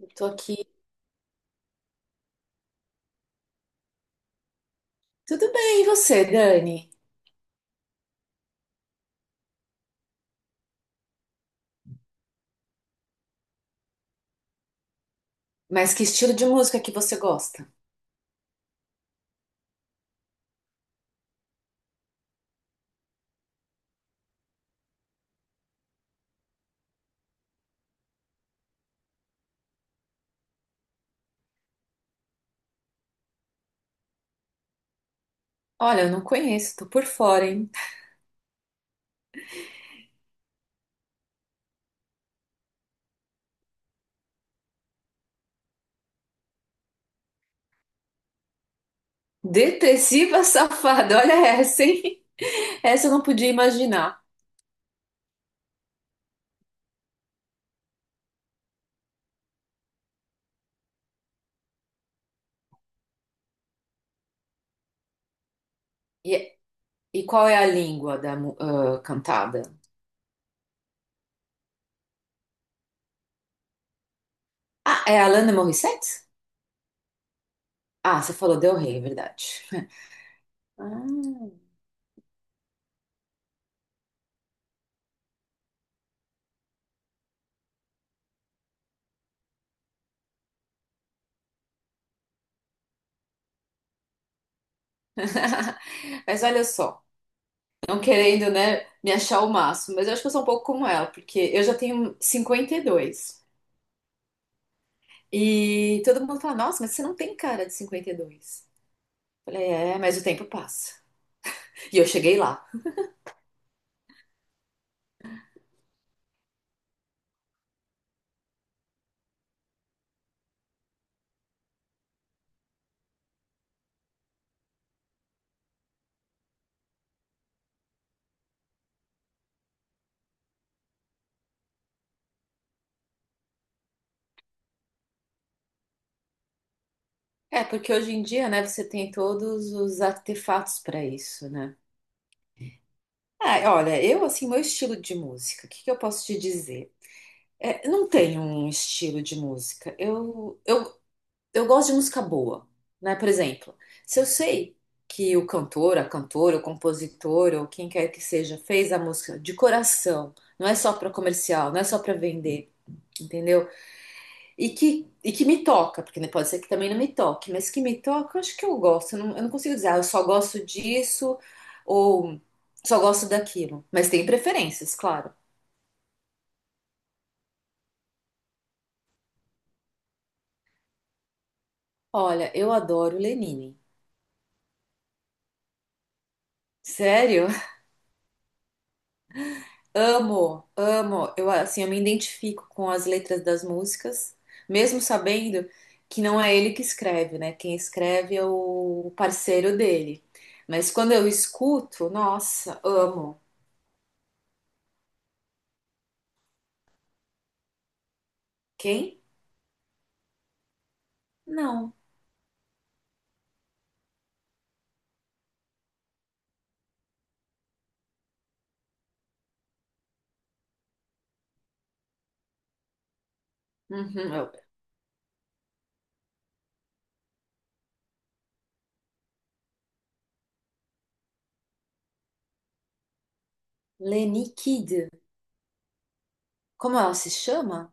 Eu tô aqui. Tudo bem, e você, Dani? Mas que estilo de música que você gosta? Olha, eu não conheço, tô por fora, hein? Depressiva safada, olha essa, hein? Essa eu não podia imaginar. E, e qual é a língua da cantada? Ah, é a Alanis Morissette? Ah, você falou Del Rey, é verdade. Ah. Mas olha só, não querendo, né, me achar o máximo, mas eu acho que eu sou um pouco como ela, porque eu já tenho 52. E todo mundo fala, nossa, mas você não tem cara de 52. Falei, é, mas o tempo passa. E eu cheguei lá. É, porque hoje em dia, né, você tem todos os artefatos para isso, né? Ah, olha, eu, assim, meu estilo de música, o que que eu posso te dizer? É, não tenho um estilo de música. Eu gosto de música boa, né? Por exemplo, se eu sei que o cantor, a cantora, o compositor, ou quem quer que seja, fez a música de coração, não é só para comercial, não é só para vender, entendeu? E que me toca, porque né, pode ser que também não me toque, mas que me toca, eu acho que eu gosto. Eu não consigo dizer, ah, eu só gosto disso ou só gosto daquilo. Mas tem preferências, claro. Olha, eu adoro Lenine. Sério? Amo, amo. Eu, assim, eu me identifico com as letras das músicas, mesmo sabendo que não é ele que escreve, né? Quem escreve é o parceiro dele. Mas quando eu escuto, nossa, amo. Quem? Não. Uhum, Leni Kid. Como ela se chama?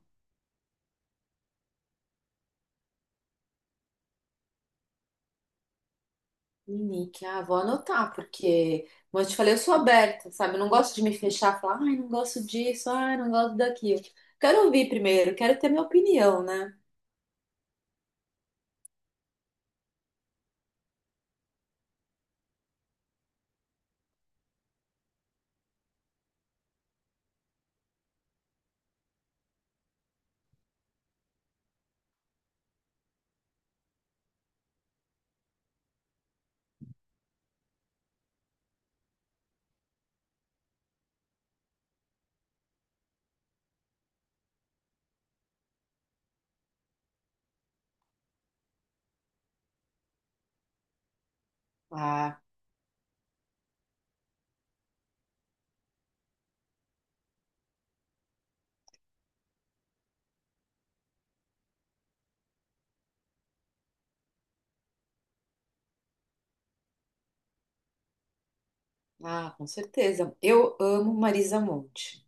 Leni, Kid. Ah, vou anotar, porque, como eu te falei, eu sou aberta, sabe? Eu não gosto de me fechar, falar, ai, não gosto disso, ai, não gosto daquilo. Quero ouvir primeiro, quero ter minha opinião, né? Ah, ah, com certeza. Eu amo Marisa Monte.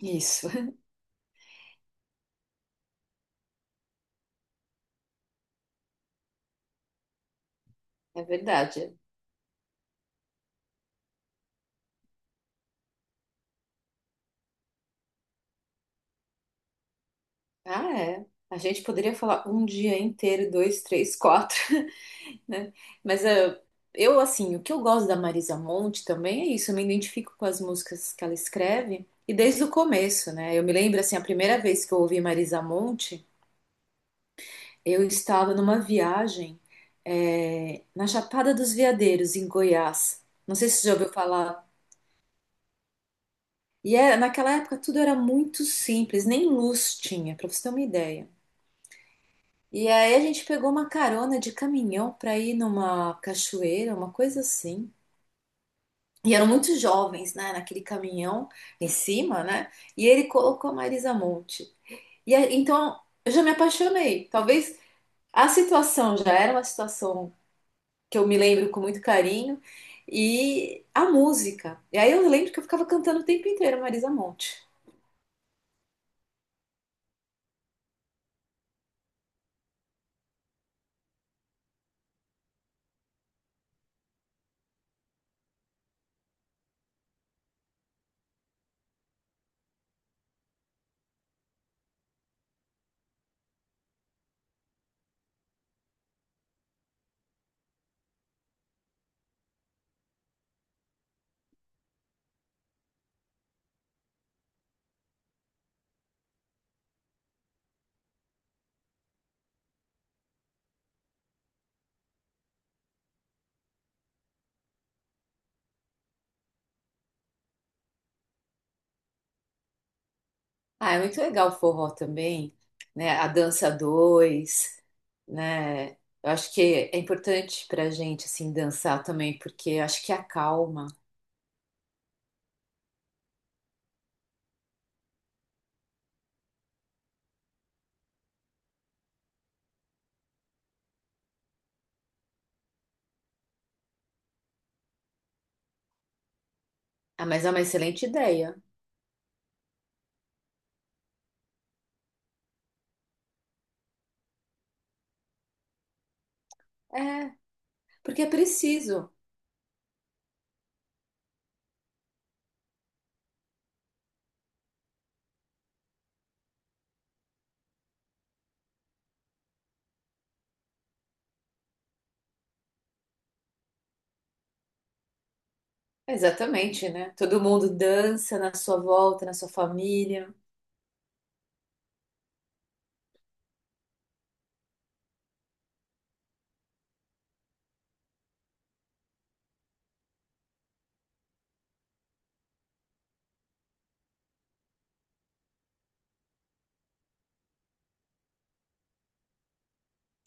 Isso, é verdade. Ah, é. A gente poderia falar um dia inteiro, dois, três, quatro, né? Mas eu, assim, o que eu gosto da Marisa Monte também é isso, eu me identifico com as músicas que ela escreve, e desde o começo, né? Eu me lembro, assim, a primeira vez que eu ouvi Marisa Monte, eu estava numa viagem, na Chapada dos Veadeiros, em Goiás. Não sei se você já ouviu falar. E é, naquela época tudo era muito simples, nem luz tinha, para você ter uma ideia. E aí a gente pegou uma carona de caminhão para ir numa cachoeira, uma coisa assim. E eram muitos jovens, né, naquele caminhão em cima, né? E ele colocou a Marisa Monte. E aí, então eu já me apaixonei. Talvez a situação já era uma situação que eu me lembro com muito carinho e a música. E aí eu lembro que eu ficava cantando o tempo inteiro Marisa Monte. Ah, é muito legal o forró também, né? A dança dois, né? Eu acho que é importante pra gente assim dançar também, porque eu acho que acalma. Ah, mas é uma excelente ideia. É, porque é preciso. Exatamente, né? Todo mundo dança na sua volta, na sua família.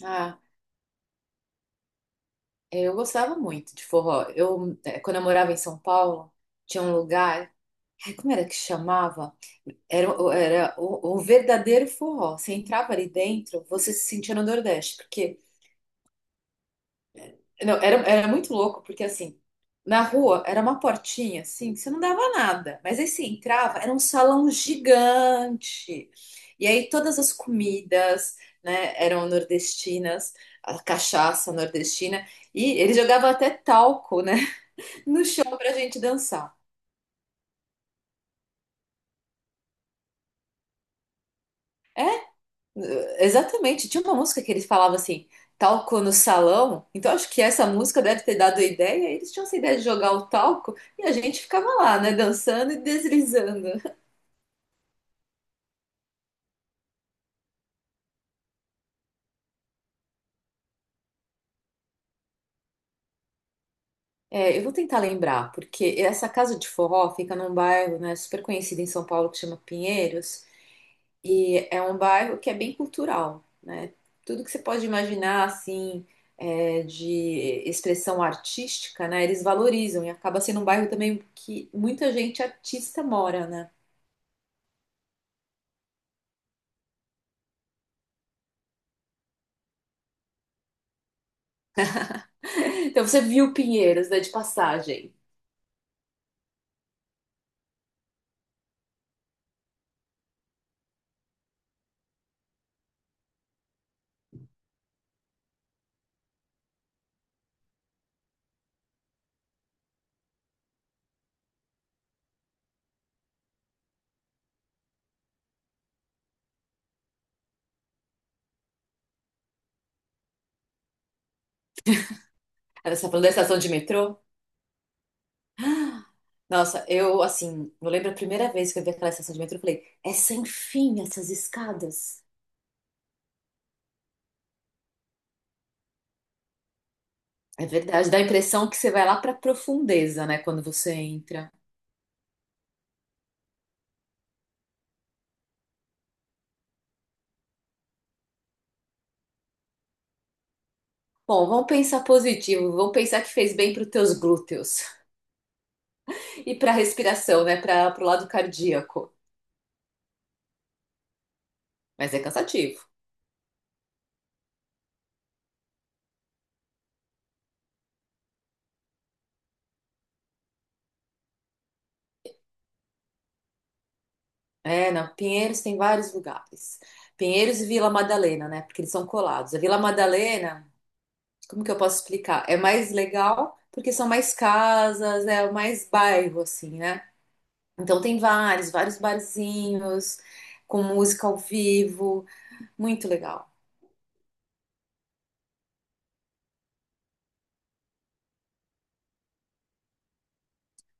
Ah, eu gostava muito de forró. Quando eu morava em São Paulo, tinha um lugar, ai, como era que chamava? Era, era um, verdadeiro forró. Você entrava ali dentro, você se sentia no Nordeste, porque. Não, era muito louco, porque assim, na rua era uma portinha, assim, que você não dava nada. Mas aí você entrava, era um salão gigante. E aí todas as comidas, né, eram nordestinas, a cachaça nordestina. E ele jogava até talco, né, no chão pra gente dançar. Exatamente. Tinha uma música que eles falavam assim, talco no salão. Então acho que essa música deve ter dado a ideia. Eles tinham essa ideia de jogar o talco e a gente ficava lá, né, dançando e deslizando. É, eu vou tentar lembrar, porque essa casa de forró fica num bairro, né, super conhecido em São Paulo que chama Pinheiros, e é um bairro que é bem cultural, né? Tudo que você pode imaginar, assim, é, de expressão artística, né, eles valorizam e acaba sendo um bairro também que muita gente artista mora, né? Então você viu Pinheiros, né, de passagem. Aí, você tá falando da estação de metrô? Nossa, eu, assim, eu lembro a primeira vez que eu vi aquela estação de metrô, eu falei, é sem fim essas escadas. É verdade, dá a impressão que você vai lá para profundeza, né, quando você entra. Bom, vamos pensar positivo, vamos pensar que fez bem para os teus glúteos e para a respiração, né, para o lado cardíaco. Mas é cansativo. É, não, Pinheiros tem vários lugares. Pinheiros e Vila Madalena, né, porque eles são colados. A Vila Madalena, como que eu posso explicar? É mais legal porque são mais casas, é mais bairro, assim, né? Então tem vários, vários barzinhos com música ao vivo, muito legal.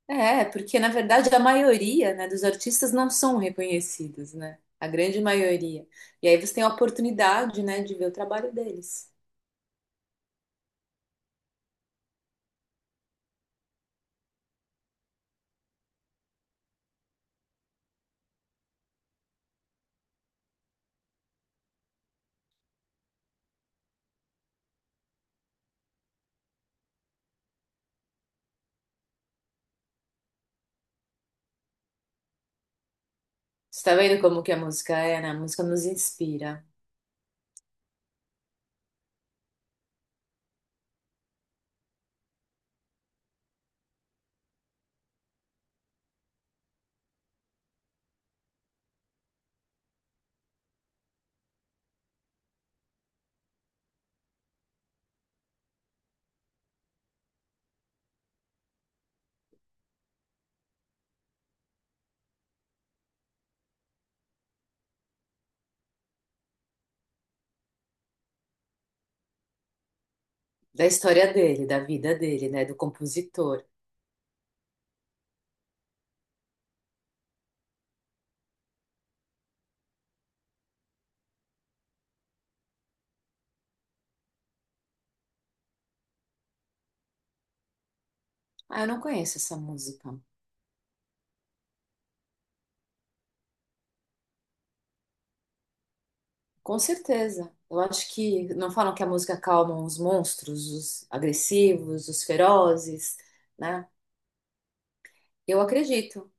É, porque na verdade a maioria, né, dos artistas não são reconhecidos, né? A grande maioria. E aí você tem a oportunidade, né, de ver o trabalho deles. Você tá vendo como que a música é, né? A música nos inspira. Da história dele, da vida dele, né? Do compositor. Ah, eu não conheço essa música. Com certeza. Eu acho que não falam que a música acalma os monstros, os agressivos, os ferozes, né? Eu acredito.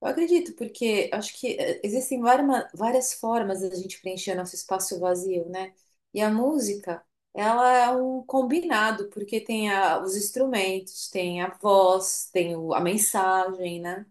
Eu acredito, porque acho que existem várias, várias formas da gente preencher nosso espaço vazio, né? E a música, ela é um combinado, porque tem os instrumentos, tem a voz, tem a mensagem, né?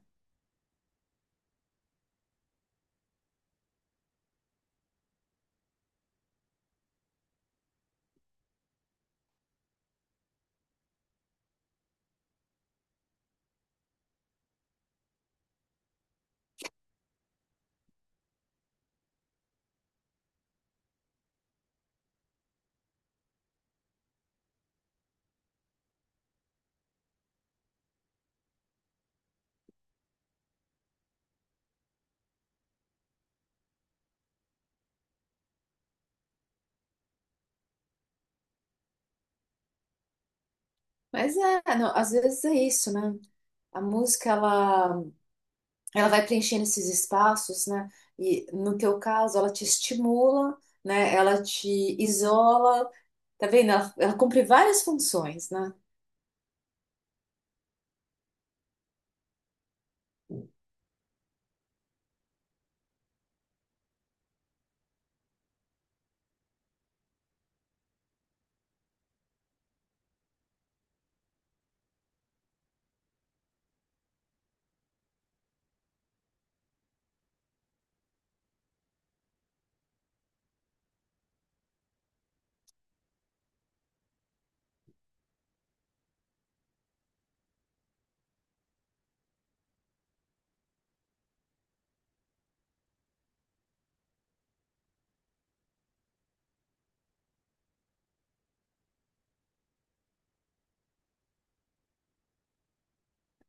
Mas é, não, às vezes é isso, né? A música, ela, vai preenchendo esses espaços, né? E no teu caso, ela te estimula, né? Ela te isola, tá vendo? Ela cumpre várias funções, né?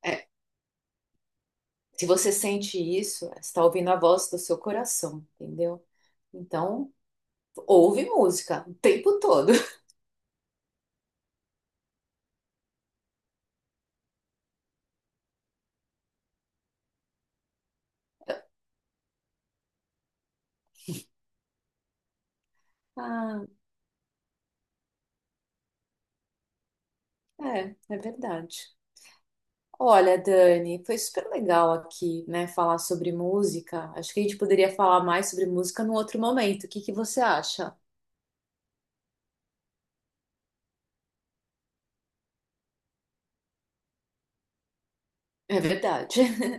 É, se você sente isso, você está ouvindo a voz do seu coração, entendeu? Então, ouve música o tempo todo. Ah, é verdade. Olha, Dani, foi super legal aqui, né, falar sobre música. Acho que a gente poderia falar mais sobre música num outro momento. O que que você acha? É verdade.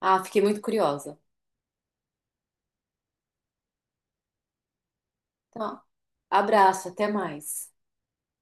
Ah, fiquei muito curiosa. Então, abraço, até mais.